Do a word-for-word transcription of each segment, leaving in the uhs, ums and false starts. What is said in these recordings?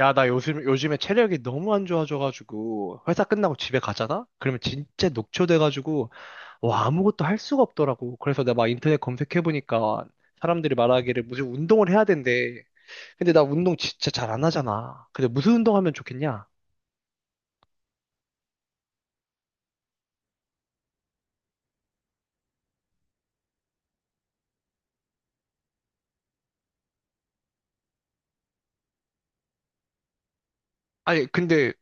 야, 나 요즘, 요즘에 체력이 너무 안 좋아져가지고, 회사 끝나고 집에 가잖아? 그러면 진짜 녹초돼가지고, 와, 아무것도 할 수가 없더라고. 그래서 내가 막 인터넷 검색해보니까, 사람들이 말하기를 무슨 운동을 해야 된대. 근데 나 운동 진짜 잘 안 하잖아. 근데 무슨 운동 하면 좋겠냐? 아니, 근데,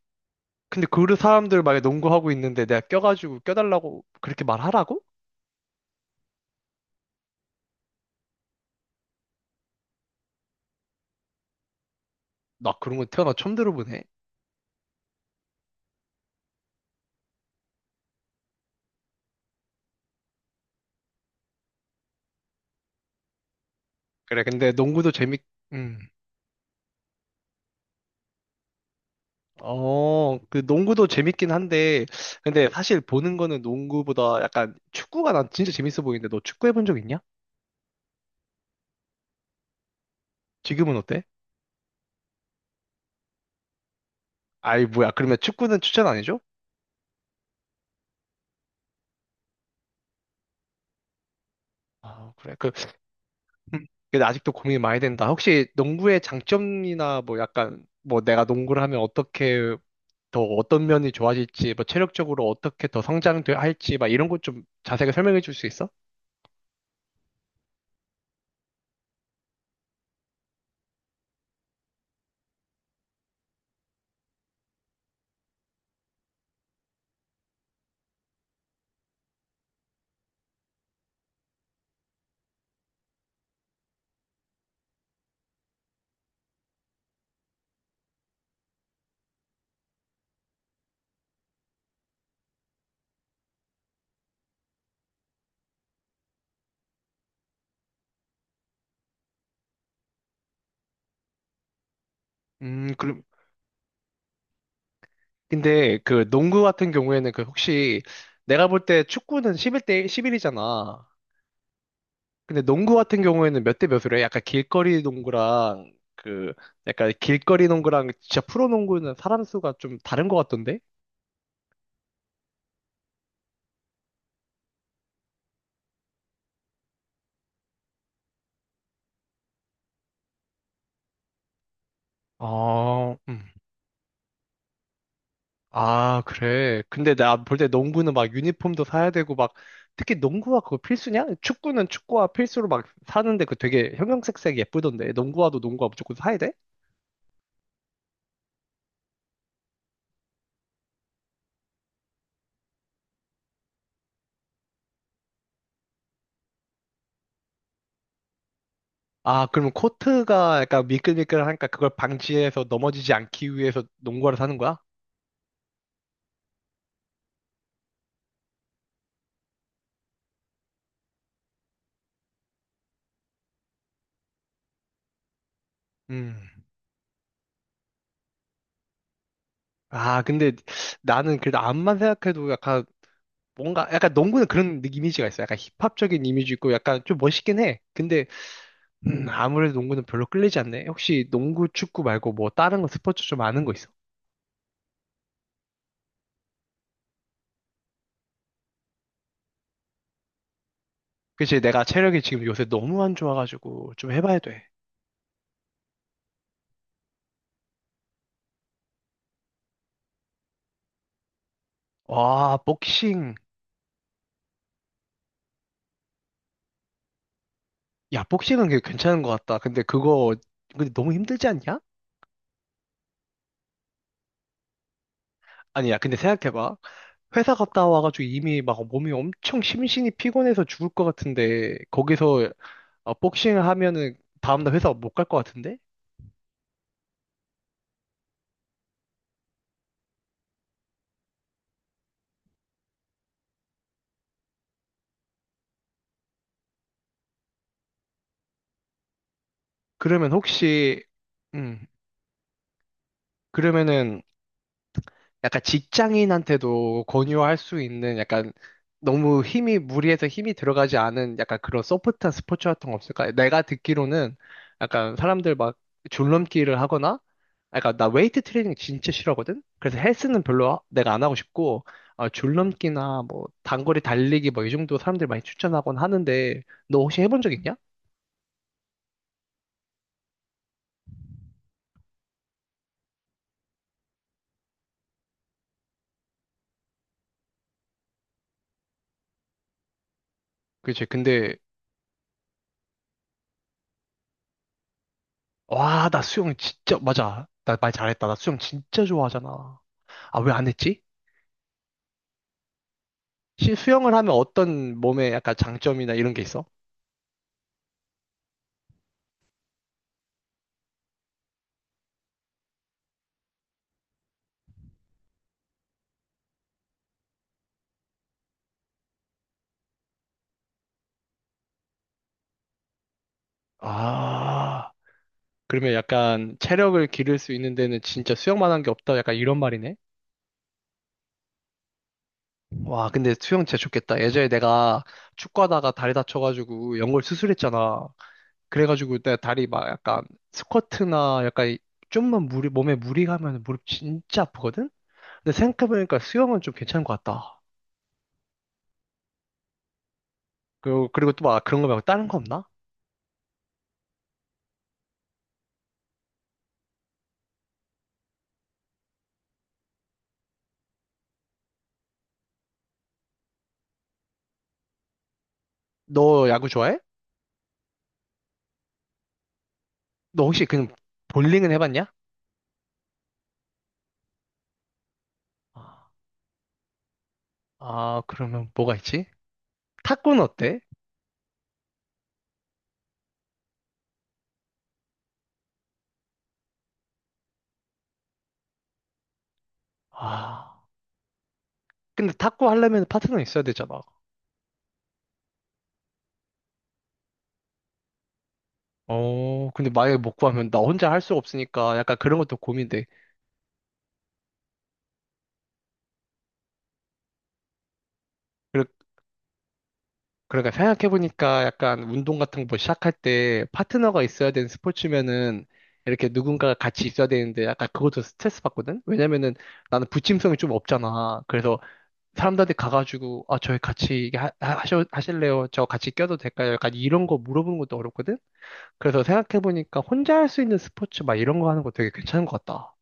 근데 그 사람들 만에 농구하고 있는데 내가 껴가지고 껴달라고 그렇게 말하라고? 나 그런 거 태어나 처음 들어보네. 그래, 근데 농구도 재밌, 음. 어, 그 농구도 재밌긴 한데, 근데 사실 보는 거는 농구보다 약간 축구가 난 진짜 재밌어 보이는데, 너 축구 해본 적 있냐? 지금은 어때? 아이, 뭐야. 그러면 축구는 추천 안 해줘? 아, 그래. 그, 음, 근데 아직도 고민이 많이 된다. 혹시 농구의 장점이나 뭐 약간, 뭐 내가 농구를 하면 어떻게 더 어떤 면이 좋아질지, 뭐 체력적으로 어떻게 더 성장할지, 막 이런 것 좀 자세하게 설명해 줄 수 있어? 음, 그럼, 근데 그 농구 같은 경우에는 그 혹시 내가 볼 때 축구는 십일 대 십일이잖아. 근데 농구 같은 경우에는 몇 대 몇으로 해? 약간 길거리 농구랑 그 약간 길거리 농구랑 진짜 프로 농구는 사람 수가 좀 다른 것 같던데? 아, 음. 아, 그래. 근데 나 볼 때 농구는 막 유니폼도 사야 되고 막 특히 농구화 그거 필수냐? 축구는 축구화 필수로 막 사는데 그 되게 형형색색 예쁘던데 농구화도 농구화 무조건 사야 돼? 아, 그러면 코트가 약간 미끌미끌하니까 그걸 방지해서 넘어지지 않기 위해서 농구화를 사는 거야? 음. 아, 근데 나는 그래도 암만 생각해도 약간 뭔가 약간 농구는 그런 느- 이미지가 있어. 약간 힙합적인 이미지 있고 약간 좀 멋있긴 해. 근데 음, 아무래도 농구는 별로 끌리지 않네. 혹시 농구, 축구 말고 뭐 다른 거 스포츠 좀 아는 거 있어? 그치, 내가 체력이 지금 요새 너무 안 좋아가지고 좀 해봐야 돼. 와, 복싱. 야, 복싱은 그게 괜찮은 것 같다. 근데 그거 근데 너무 힘들지 않냐? 아니야, 근데 생각해봐. 회사 갔다 와가지고 이미 막 몸이 엄청 심신이 피곤해서 죽을 것 같은데 거기서 어, 복싱을 하면은 다음날 회사 못 갈 것 같은데? 그러면 혹시 음 그러면은 약간 직장인한테도 권유할 수 있는 약간 너무 힘이 무리해서 힘이 들어가지 않은 약간 그런 소프트한 스포츠 같은 거 없을까? 내가 듣기로는 약간 사람들 막 줄넘기를 하거나 약간 나 웨이트 트레이닝 진짜 싫어하거든? 그래서 헬스는 별로 하- 내가 안 하고 싶고 어, 줄넘기나 뭐 단거리 달리기 뭐 이 정도 사람들 많이 추천하곤 하는데 너 혹시 해본 적 있냐? 그치 근데 와 나 수영 진짜 맞아 나 말 잘했다 나 수영 진짜 좋아하잖아. 아, 왜 안 했지? 시- 수영을 하면 어떤 몸에 약간 장점이나 이런 게 있어? 아, 그러면 약간 체력을 기를 수 있는 데는 진짜 수영만 한 게 없다. 약간 이런 말이네. 와, 근데 수영 진짜 좋겠다. 예전에 내가 축구하다가 다리 다쳐가지고 연골 수술했잖아. 그래가지고 내 다리 막 약간 스쿼트나 약간 이- 좀만 무리, 몸에 무리 가면 무릎 진짜 아프거든? 근데 생각해보니까 수영은 좀 괜찮은 것 같다. 그리고, 그리고 또 막 그런 거 말고 다른 거 없나? 너 야구 좋아해? 너 혹시 그냥 볼링은 해봤냐? 아, 그러면 뭐가 있지? 탁구는 어때? 아, 근데 탁구 하려면 파트너 있어야 되잖아. 어, 근데 만약에 못 구하면 나 혼자 할 수가 없으니까 약간 그런 것도 고민돼. 그러, 그러니까 생각해보니까 약간 운동 같은 거 시작할 때 파트너가 있어야 되는 스포츠면은 이렇게 누군가가 같이 있어야 되는데 약간 그것도 스트레스 받거든? 왜냐면은 나는 부침성이 좀 없잖아. 그래서 사람들한테 가가지고 아, 저희 같이 이게 하, 하- 하셔- 하실래요? 저 같이 껴도 될까요? 약간 이런 거 물어보는 것도 어렵거든? 그래서 생각해보니까 혼자 할 수 있는 스포츠 막 이런 거 하는 거 되게 괜찮은 것 같다.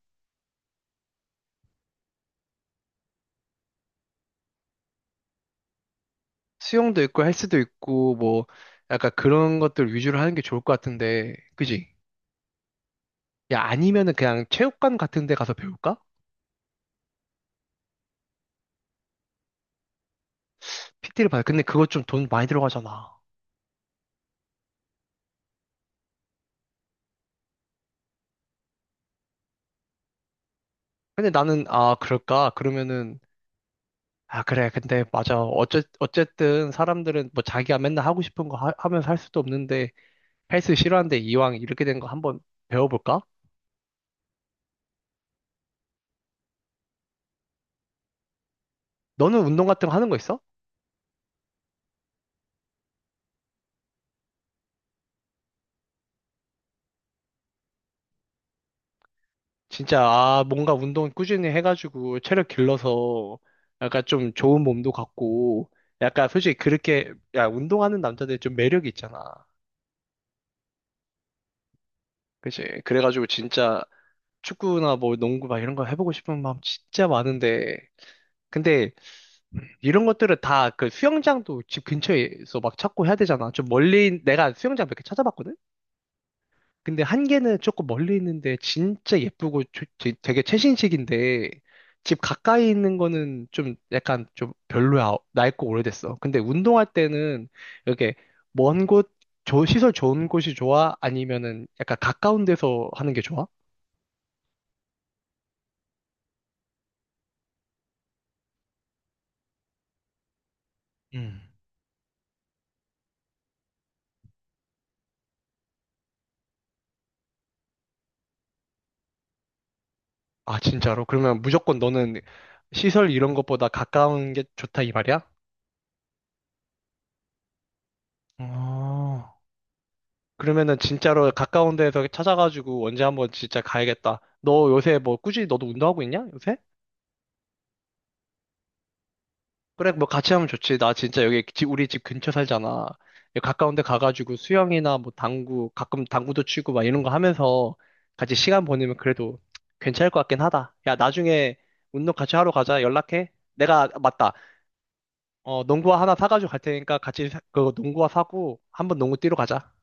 수영도 있고 헬스도 있고 뭐 약간 그런 것들 위주로 하는 게 좋을 것 같은데, 그지? 야, 아니면은 그냥 체육관 같은 데 가서 배울까? 피 t 를 받아. 근데 그거 좀 돈 많이 들어가잖아. 근데 나는, 아, 그럴까? 그러면은, 아, 그래. 근데 맞아. 어째, 어쨌든 사람들은 뭐 자기가 맨날 하고 싶은 거 하, 하면서 할 수도 없는데 헬스 싫어하는데 이왕 이렇게 된 거 한번 배워볼까? 너는 운동 같은 거 하는 거 있어? 진짜, 아, 뭔가 운동 꾸준히 해가지고 체력 길러서 약간 좀 좋은 몸도 갖고, 약간 솔직히 그렇게, 야, 운동하는 남자들 좀 매력이 있잖아. 그치? 그래가지고 진짜 축구나 뭐 농구 막 이런 거 해보고 싶은 마음 진짜 많은데, 근데 이런 것들은 다 그 수영장도 집 근처에서 막 찾고 해야 되잖아. 좀 멀리, 내가 수영장 몇 개 찾아봤거든? 근데 한 개는 조금 멀리 있는데 진짜 예쁘고 조- 되- 되게 최신식인데 집 가까이 있는 거는 좀 약간 좀 별로야. 낡고 오래됐어. 근데 운동할 때는 이렇게 먼 곳, 조- 시설 좋은 곳이 좋아? 아니면은 약간 가까운 데서 하는 게 좋아? 음. 아, 진짜로? 그러면 무조건 너는 시설 이런 것보다 가까운 게 좋다 이 말이야? 어, 그러면은 진짜로 가까운 데에서 찾아가지고 언제 한번 진짜 가야겠다. 너 요새 뭐 꾸준히 너도 운동하고 있냐? 요새? 그래, 뭐 같이 하면 좋지. 나 진짜 여기 집- 우리 집 근처 살잖아. 여기 가까운 데 가가지고 수영이나 뭐 당구, 가끔 당구도 치고 막 이런 거 하면서 같이 시간 보내면 그래도 괜찮을 것 같긴 하다. 야, 나중에 운동 같이 하러 가자. 연락해. 내가, 맞다. 어, 농구화 하나 사가지고 갈 테니까 같이 사- 그거 농구화 사고 한번 농구 뛰러 가자.